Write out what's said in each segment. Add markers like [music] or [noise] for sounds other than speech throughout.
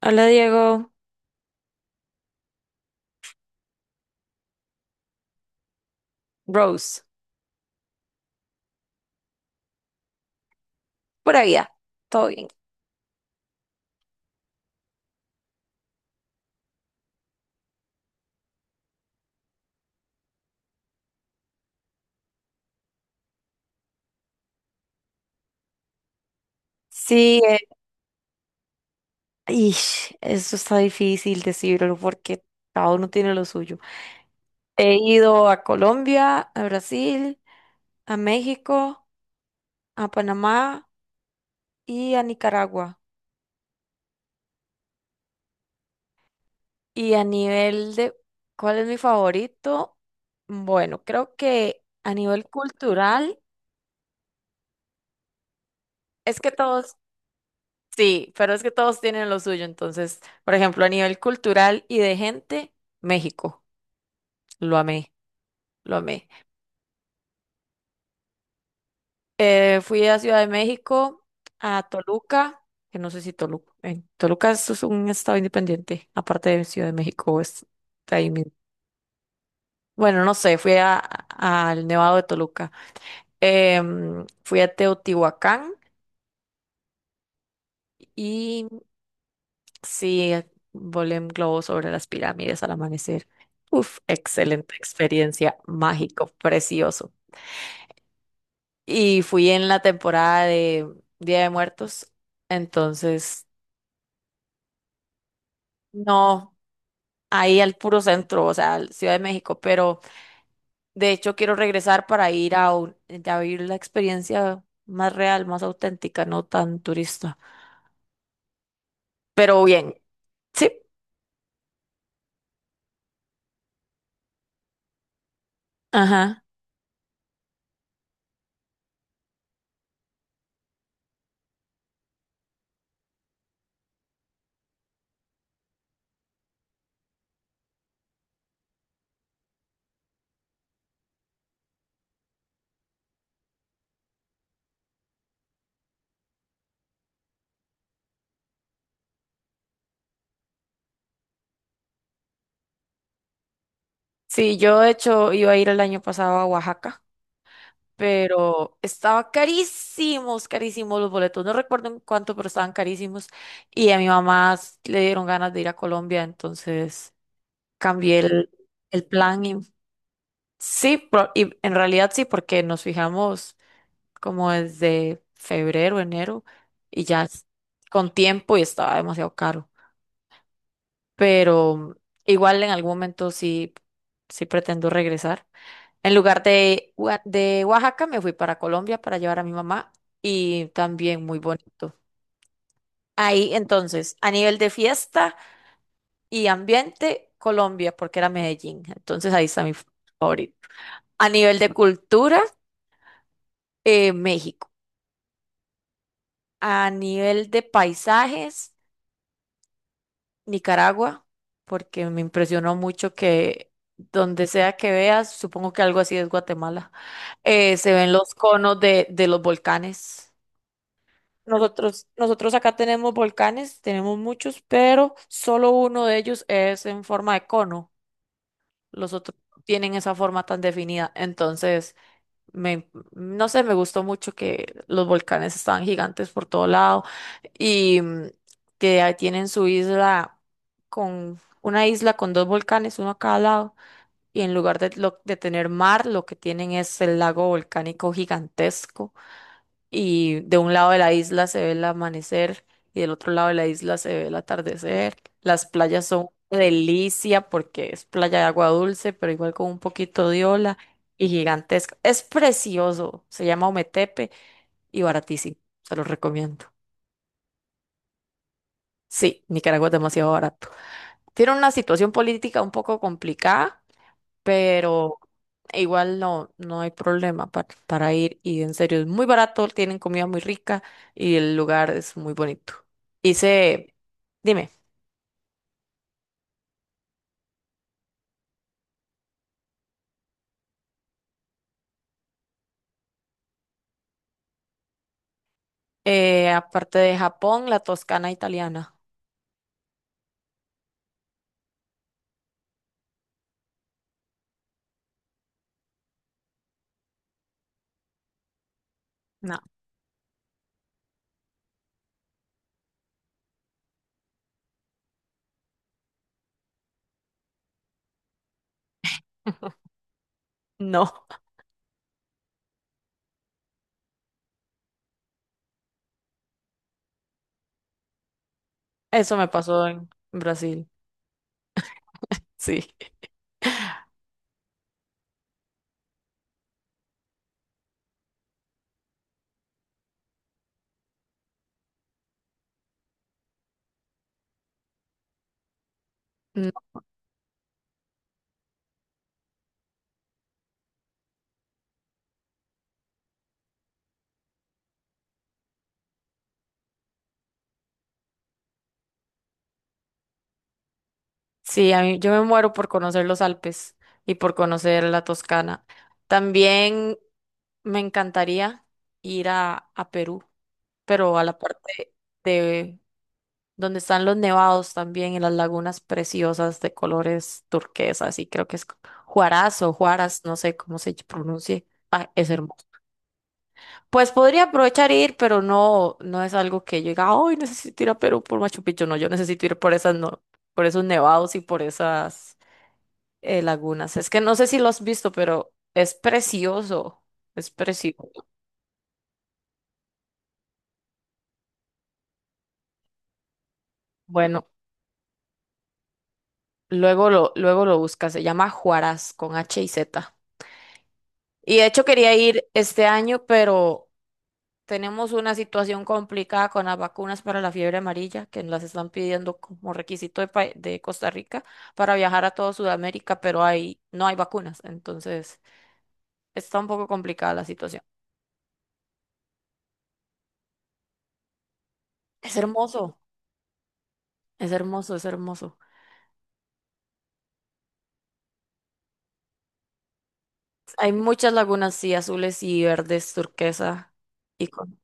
Hola, Diego. Rose, por allá, todo bien. Sí, ish, eso está difícil decirlo porque cada uno tiene lo suyo. He ido a Colombia, a Brasil, a México, a Panamá y a Nicaragua. Y a nivel de, ¿cuál es mi favorito? Bueno, creo que a nivel cultural, es que todos, sí, pero es que todos tienen lo suyo. Entonces, por ejemplo, a nivel cultural y de gente, México, lo amé, lo amé. Fui a Ciudad de México, a Toluca, que no sé si Toluca, en Toluca es un estado independiente, aparte de Ciudad de México, es de ahí mismo. Bueno, no sé, fui al Nevado de Toluca. Fui a Teotihuacán y sí, volé en globo sobre las pirámides al amanecer. Uf, excelente experiencia, mágico, precioso. Y fui en la temporada de Día de Muertos, entonces no, ahí al puro centro, o sea, al Ciudad de México, pero de hecho quiero regresar para ir a, a vivir la experiencia más real, más auténtica, no tan turista. Pero bien, sí, ajá. Sí, yo de hecho iba a ir el año pasado a Oaxaca, pero estaba carísimos, carísimos los boletos. No recuerdo en cuánto, pero estaban carísimos. Y a mi mamá le dieron ganas de ir a Colombia, entonces cambié el plan. Y sí, y en realidad sí, porque nos fijamos como desde febrero, enero, y ya con tiempo, y estaba demasiado caro. Pero igual en algún momento sí, sí pretendo regresar. En lugar de, de Oaxaca, me fui para Colombia para llevar a mi mamá, y también muy bonito. Ahí entonces, a nivel de fiesta y ambiente, Colombia, porque era Medellín. Entonces ahí está mi favorito. A nivel de cultura, México. A nivel de paisajes, Nicaragua, porque me impresionó mucho que donde sea que veas, supongo que algo así es Guatemala, se ven los conos de los volcanes. Nosotros acá tenemos volcanes, tenemos muchos, pero solo uno de ellos es en forma de cono. Los otros no tienen esa forma tan definida. Entonces, me, no sé, me gustó mucho que los volcanes estaban gigantes por todo lado y que ahí tienen su isla, con una isla con dos volcanes, uno a cada lado. Y en lugar de, de tener mar, lo que tienen es el lago volcánico gigantesco, y de un lado de la isla se ve el amanecer y del otro lado de la isla se ve el atardecer. Las playas son una delicia porque es playa de agua dulce, pero igual con un poquito de ola y gigantesca. Es precioso, se llama Ometepe, y baratísimo, se los recomiendo. Sí, Nicaragua es demasiado barato. Tiene una situación política un poco complicada, pero igual no, no hay problema para ir, y en serio es muy barato, tienen comida muy rica y el lugar es muy bonito. Hice, dime, aparte de Japón, la Toscana italiana. No, [laughs] no, eso me pasó en Brasil, [laughs] sí. No, sí, a mí, yo me muero por conocer los Alpes y por conocer la Toscana. También me encantaría ir a Perú, pero a la parte de donde están los nevados también, y las lagunas preciosas de colores turquesas, y creo que es Juaraz o Juaras, no sé cómo se pronuncie. Ah, es hermoso. Pues podría aprovechar e ir, pero no, no es algo que yo diga, ay, necesito ir a Perú por Machu Picchu. No, yo necesito ir por esas, no, por esos nevados y por esas lagunas. Es que no sé si lo has visto, pero es precioso. Es precioso. Bueno, luego lo buscas. Se llama Juaraz con H y Z. Y de hecho quería ir este año, pero tenemos una situación complicada con las vacunas para la fiebre amarilla, que las están pidiendo como requisito de, de Costa Rica para viajar a toda Sudamérica, pero hay, no hay vacunas. Entonces, está un poco complicada la situación. Es hermoso, es hermoso, es hermoso. Hay muchas lagunas, sí, azules y verdes, turquesa, y con,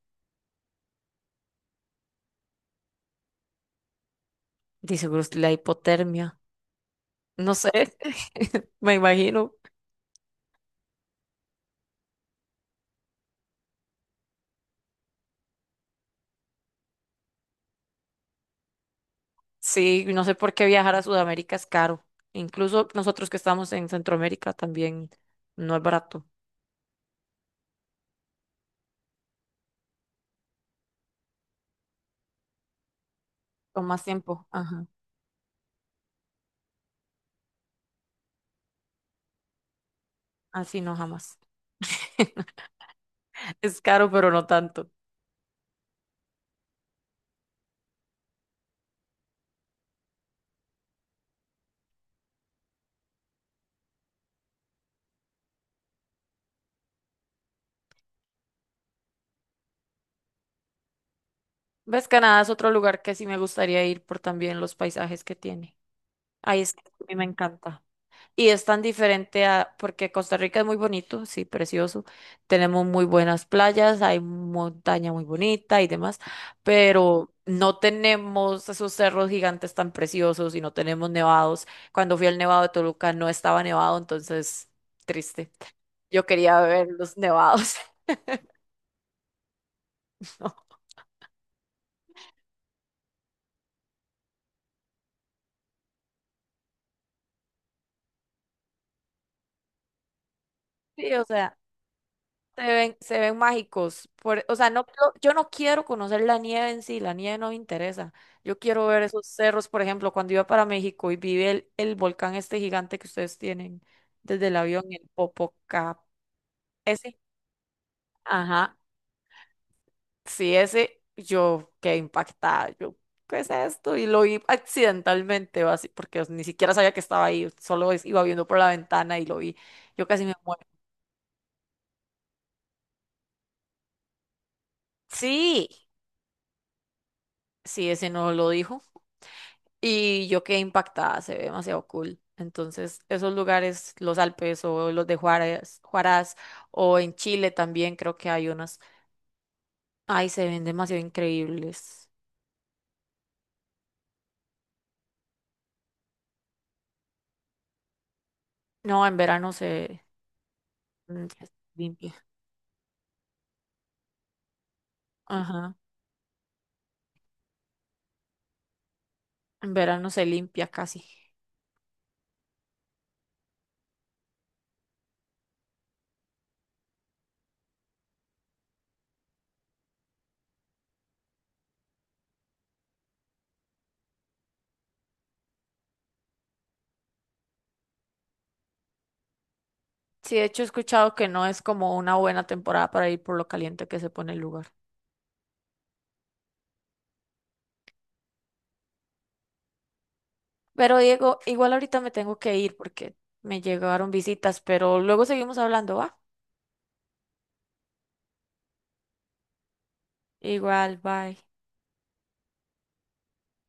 dice Bruce, la hipotermia. No sé, [laughs] me imagino. Sí, no sé por qué viajar a Sudamérica es caro. Incluso nosotros que estamos en Centroamérica también no es barato. Con más tiempo. Ajá. Así no, jamás. [laughs] Es caro, pero no tanto. Ves, Canadá es otro lugar que sí me gustaría ir, por también los paisajes que tiene. Ay, es que a mí me encanta. Y es tan diferente a, porque Costa Rica es muy bonito, sí, precioso. Tenemos muy buenas playas, hay montaña muy bonita y demás, pero no tenemos esos cerros gigantes tan preciosos y no tenemos nevados. Cuando fui al Nevado de Toluca no estaba nevado, entonces triste. Yo quería ver los nevados. [laughs] ¿No? Sí, o sea. Se ven mágicos. Por, o sea, no, yo no quiero conocer la nieve en sí, la nieve no me interesa. Yo quiero ver esos cerros, por ejemplo, cuando iba para México y vi el volcán este gigante que ustedes tienen desde el avión, el Popocá. Ese, ajá, sí, ese, yo quedé impactada. Yo, ¿qué es esto? Y lo vi accidentalmente, así, porque ni siquiera sabía que estaba ahí, solo iba viendo por la ventana y lo vi. Yo casi me muero. Sí, sí, ese no lo dijo. Y yo quedé impactada, se ve demasiado cool. Entonces, esos lugares, los Alpes o los de Juárez, Juárez, o en Chile también creo que hay unas. Ay, se ven demasiado increíbles. No, en verano se se limpia. Ajá, en verano se limpia casi. Sí, de hecho he escuchado que no es como una buena temporada para ir por lo caliente que se pone el lugar. Pero Diego, igual ahorita me tengo que ir porque me llegaron visitas, pero luego seguimos hablando, ¿va? Igual, bye.